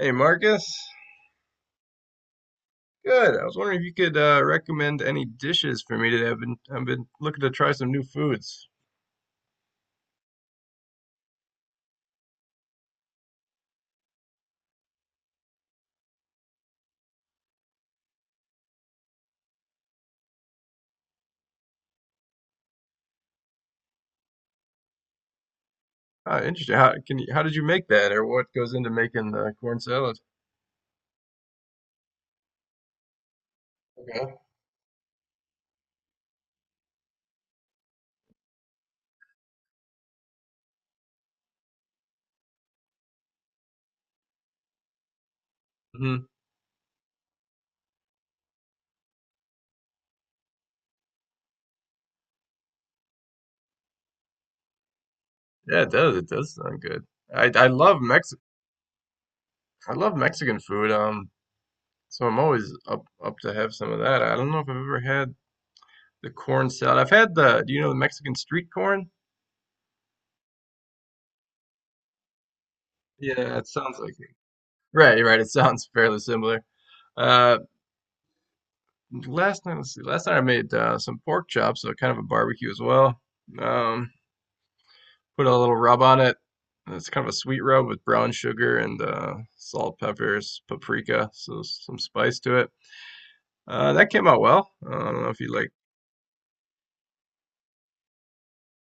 Hey Marcus, good. I was wondering if you could recommend any dishes for me today. I've been looking to try some new foods. Ah, interesting. How did you make that, or what goes into making the corn salad? Okay. Hmm. Yeah, it does. It does sound good. I I love Mex I love Mexican food. So I'm always up to have some of that. I don't know if I've ever had the corn salad. Do you know the Mexican street corn? Yeah, it sounds like it. Right, right. It sounds fairly similar. Uh, Last night, let's see. Last night I made some pork chops, so kind of a barbecue as well. Um, Put a little rub on it. It's kind of a sweet rub with brown sugar and salt, peppers, paprika, so some spice to it. That came out well. I don't know if you like.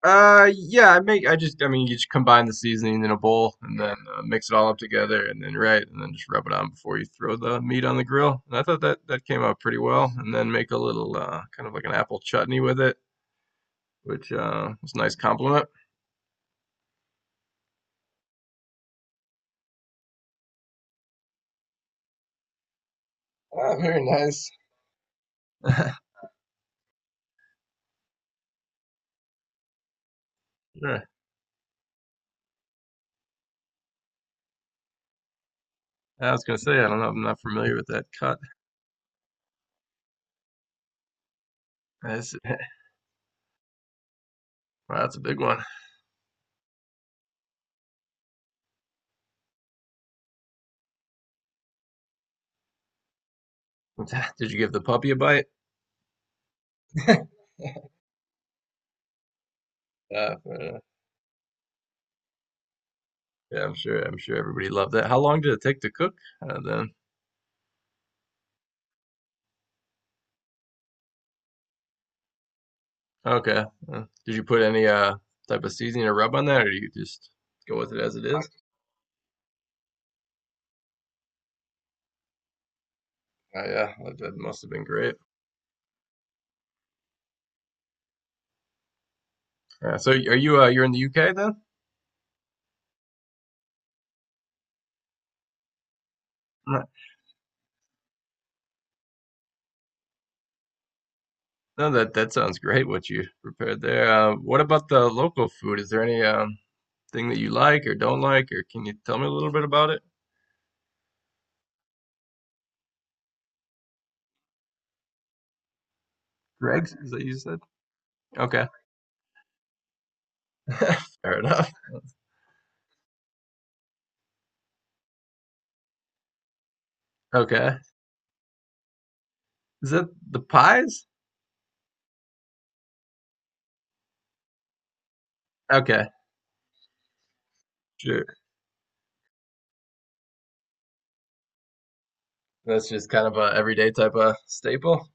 Yeah, I make. I mean, you just combine the seasoning in a bowl and then mix it all up together, and then right, and then just rub it on before you throw the meat on the grill. And I thought that that came out pretty well. And then make a little kind of like an apple chutney with it which was a nice compliment. Ah, very nice. Sure. I was gonna say I don't know. I'm not familiar with that cut. That's, wow, that's a big one. Did you give the puppy a bite? Uh, uh, yeah, I'm sure. I'm sure everybody loved that. How long did it take to cook? Then Okay. Did you put any type of seasoning or rub on that, or do you just go with it as it is? Yeah, that, that must have been great. Yeah. So are you you're in the UK then? No, that that sounds great. What you prepared there. What about the local food? Is there any thing that you like or don't like, or can you tell me a little bit about it? Greg's, is that you said? Okay. Fair enough. Okay. Is that the pies? Okay, sure. That's just kind of a everyday type of staple.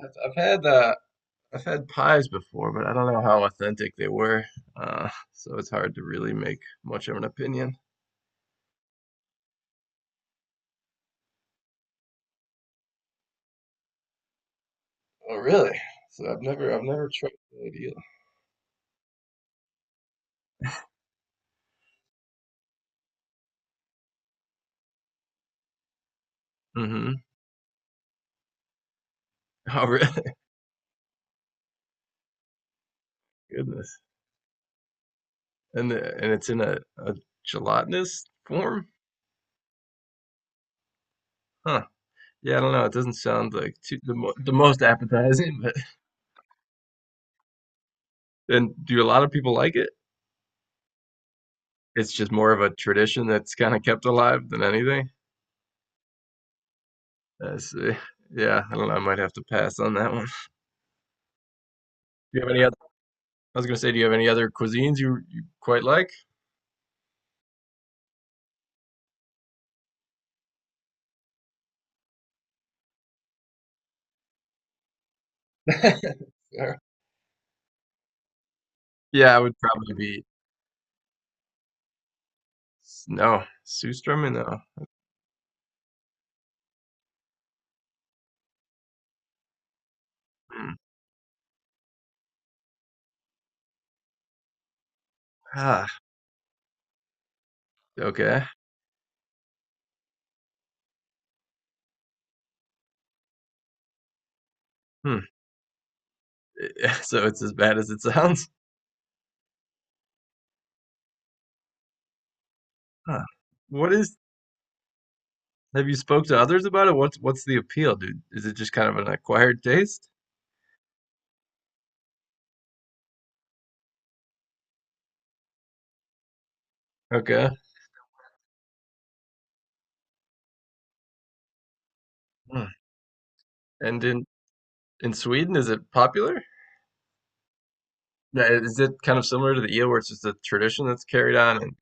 I've, I've had uh, I've had pies before, but I don't know how authentic they were, so it's hard to really make much of an opinion. Oh, really? So I've never tried that either. Mm-hmm. Oh, really? Goodness. And it's in a gelatinous form? Huh. Yeah, I don't know. It doesn't sound like too, the mo the most appetizing, but and do a lot of people like it? It's just more of a tradition that's kind of kept alive than anything. I see. Yeah, I don't know. I might have to pass on that one. Do you have any other? I was gonna say, do you have any other cuisines you quite like? Yeah, Yeah, I would probably be no Surströmming. No. Hmm. Ah, okay. Hmm. So it's as bad as it sounds. Huh. What is Have you spoke to others about it? What's the appeal, dude? Is it just kind of an acquired taste? Okay. Hmm. And in Sweden, is it popular? Yeah, is it kind of similar to the eel, where it's just a tradition that's carried on and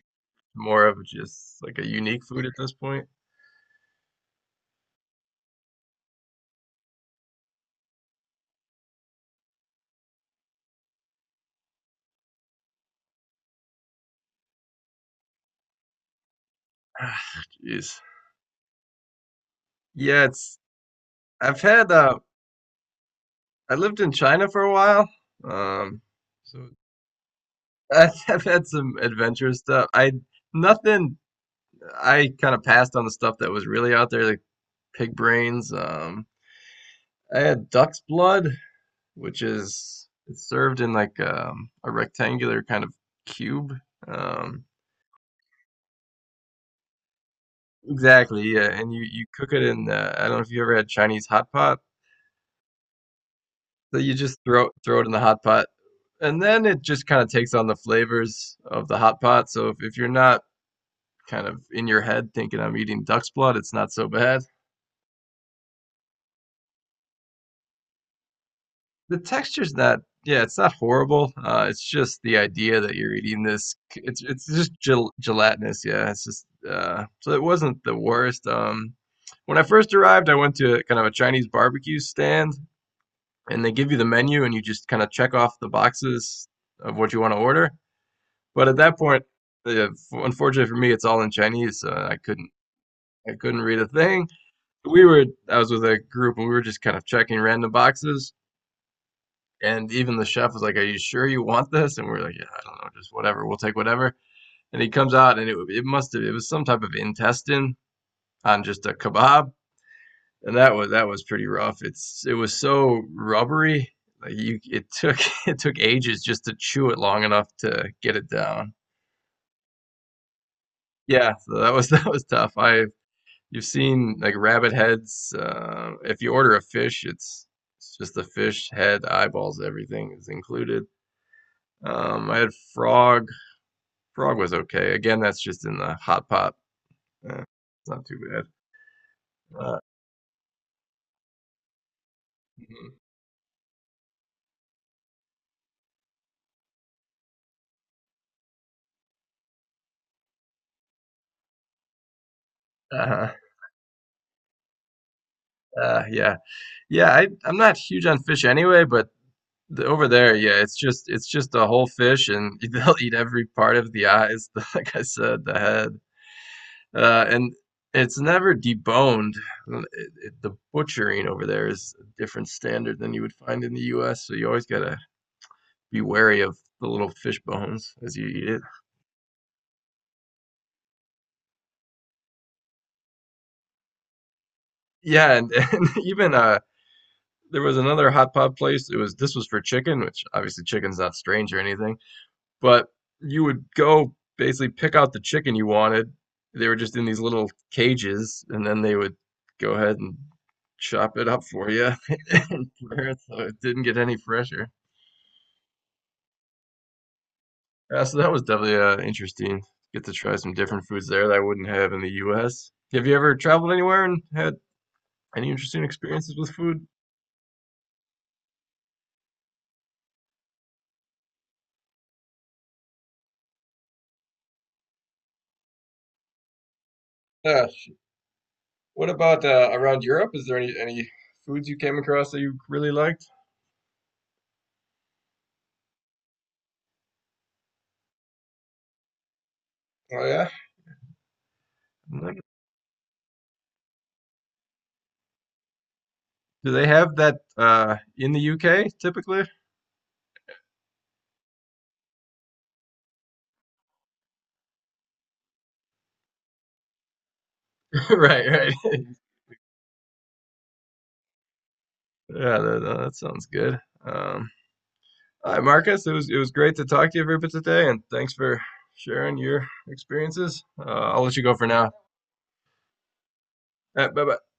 more of just like a unique food at this point? Ah, Jeez. Yeah, it's I've had I lived in China for a while. Um so I've, I've had some adventurous stuff. I nothing I kind of passed on the stuff that was really out there like pig brains, I had duck's blood, which is it's served in like a rectangular kind of cube. Um, exactly, yeah. And you cook it in. I don't know if you ever had Chinese hot pot. So you just throw it in the hot pot, and then it just kind of takes on the flavors of the hot pot. So if you're not kind of in your head thinking I'm eating duck's blood, it's not so bad. The texture's not yeah, it's not horrible. It's just the idea that you're eating this. It's just gelatinous. Yeah, it's just so it wasn't the worst. When I first arrived, I went to kind of a Chinese barbecue stand, and they give you the menu, and you just kind of check off the boxes of what you want to order. But at that point, unfortunately for me, it's all in Chinese, so I couldn't read a thing. We were I was with a group, and we were just kind of checking random boxes. And even the chef was like, "Are you sure you want this?" And we are like, "Yeah, I don't know, just whatever. We'll take whatever." And he comes out, and it must have it was some type of intestine on just a kebab, and that was pretty rough. It was so rubbery, like you it took it took ages just to chew it long enough to get it down. Yeah, so that was that was tough. I You've seen like rabbit heads. If you order a fish, it's just the fish head, eyeballs, everything is included. I had frog was okay. Again, that's just in the hot pot. It's not too bad. Uh, uh, yeah, yeah. I I'm not huge on fish anyway, but over there, yeah, it's just a whole fish, and they'll eat every part of the eyes, like I said, the head, and it's never deboned. The butchering over there is a different standard than you would find in the U.S. So you always gotta be wary of the little fish bones as you eat it. Yeah, and even there was another hot pot place. It was This was for chicken, which obviously chicken's not strange or anything, but you would go basically pick out the chicken you wanted. They were just in these little cages, and then they would go ahead and chop it up for you and prepare it so it didn't get any fresher. Yeah, so that was definitely interesting. Get to try some different foods there that I wouldn't have in the U.S. Have you ever traveled anywhere and had any interesting experiences with food? Yeah, what about around Europe? Is there any foods you came across that you really liked? Oh yeah. Like, do they have that in the UK typically? Right, right. Yeah, that, that sounds good. Um, all right, Marcus, it was great to talk to you for today, and thanks for sharing your experiences. I'll let you go for now. All right, bye bye.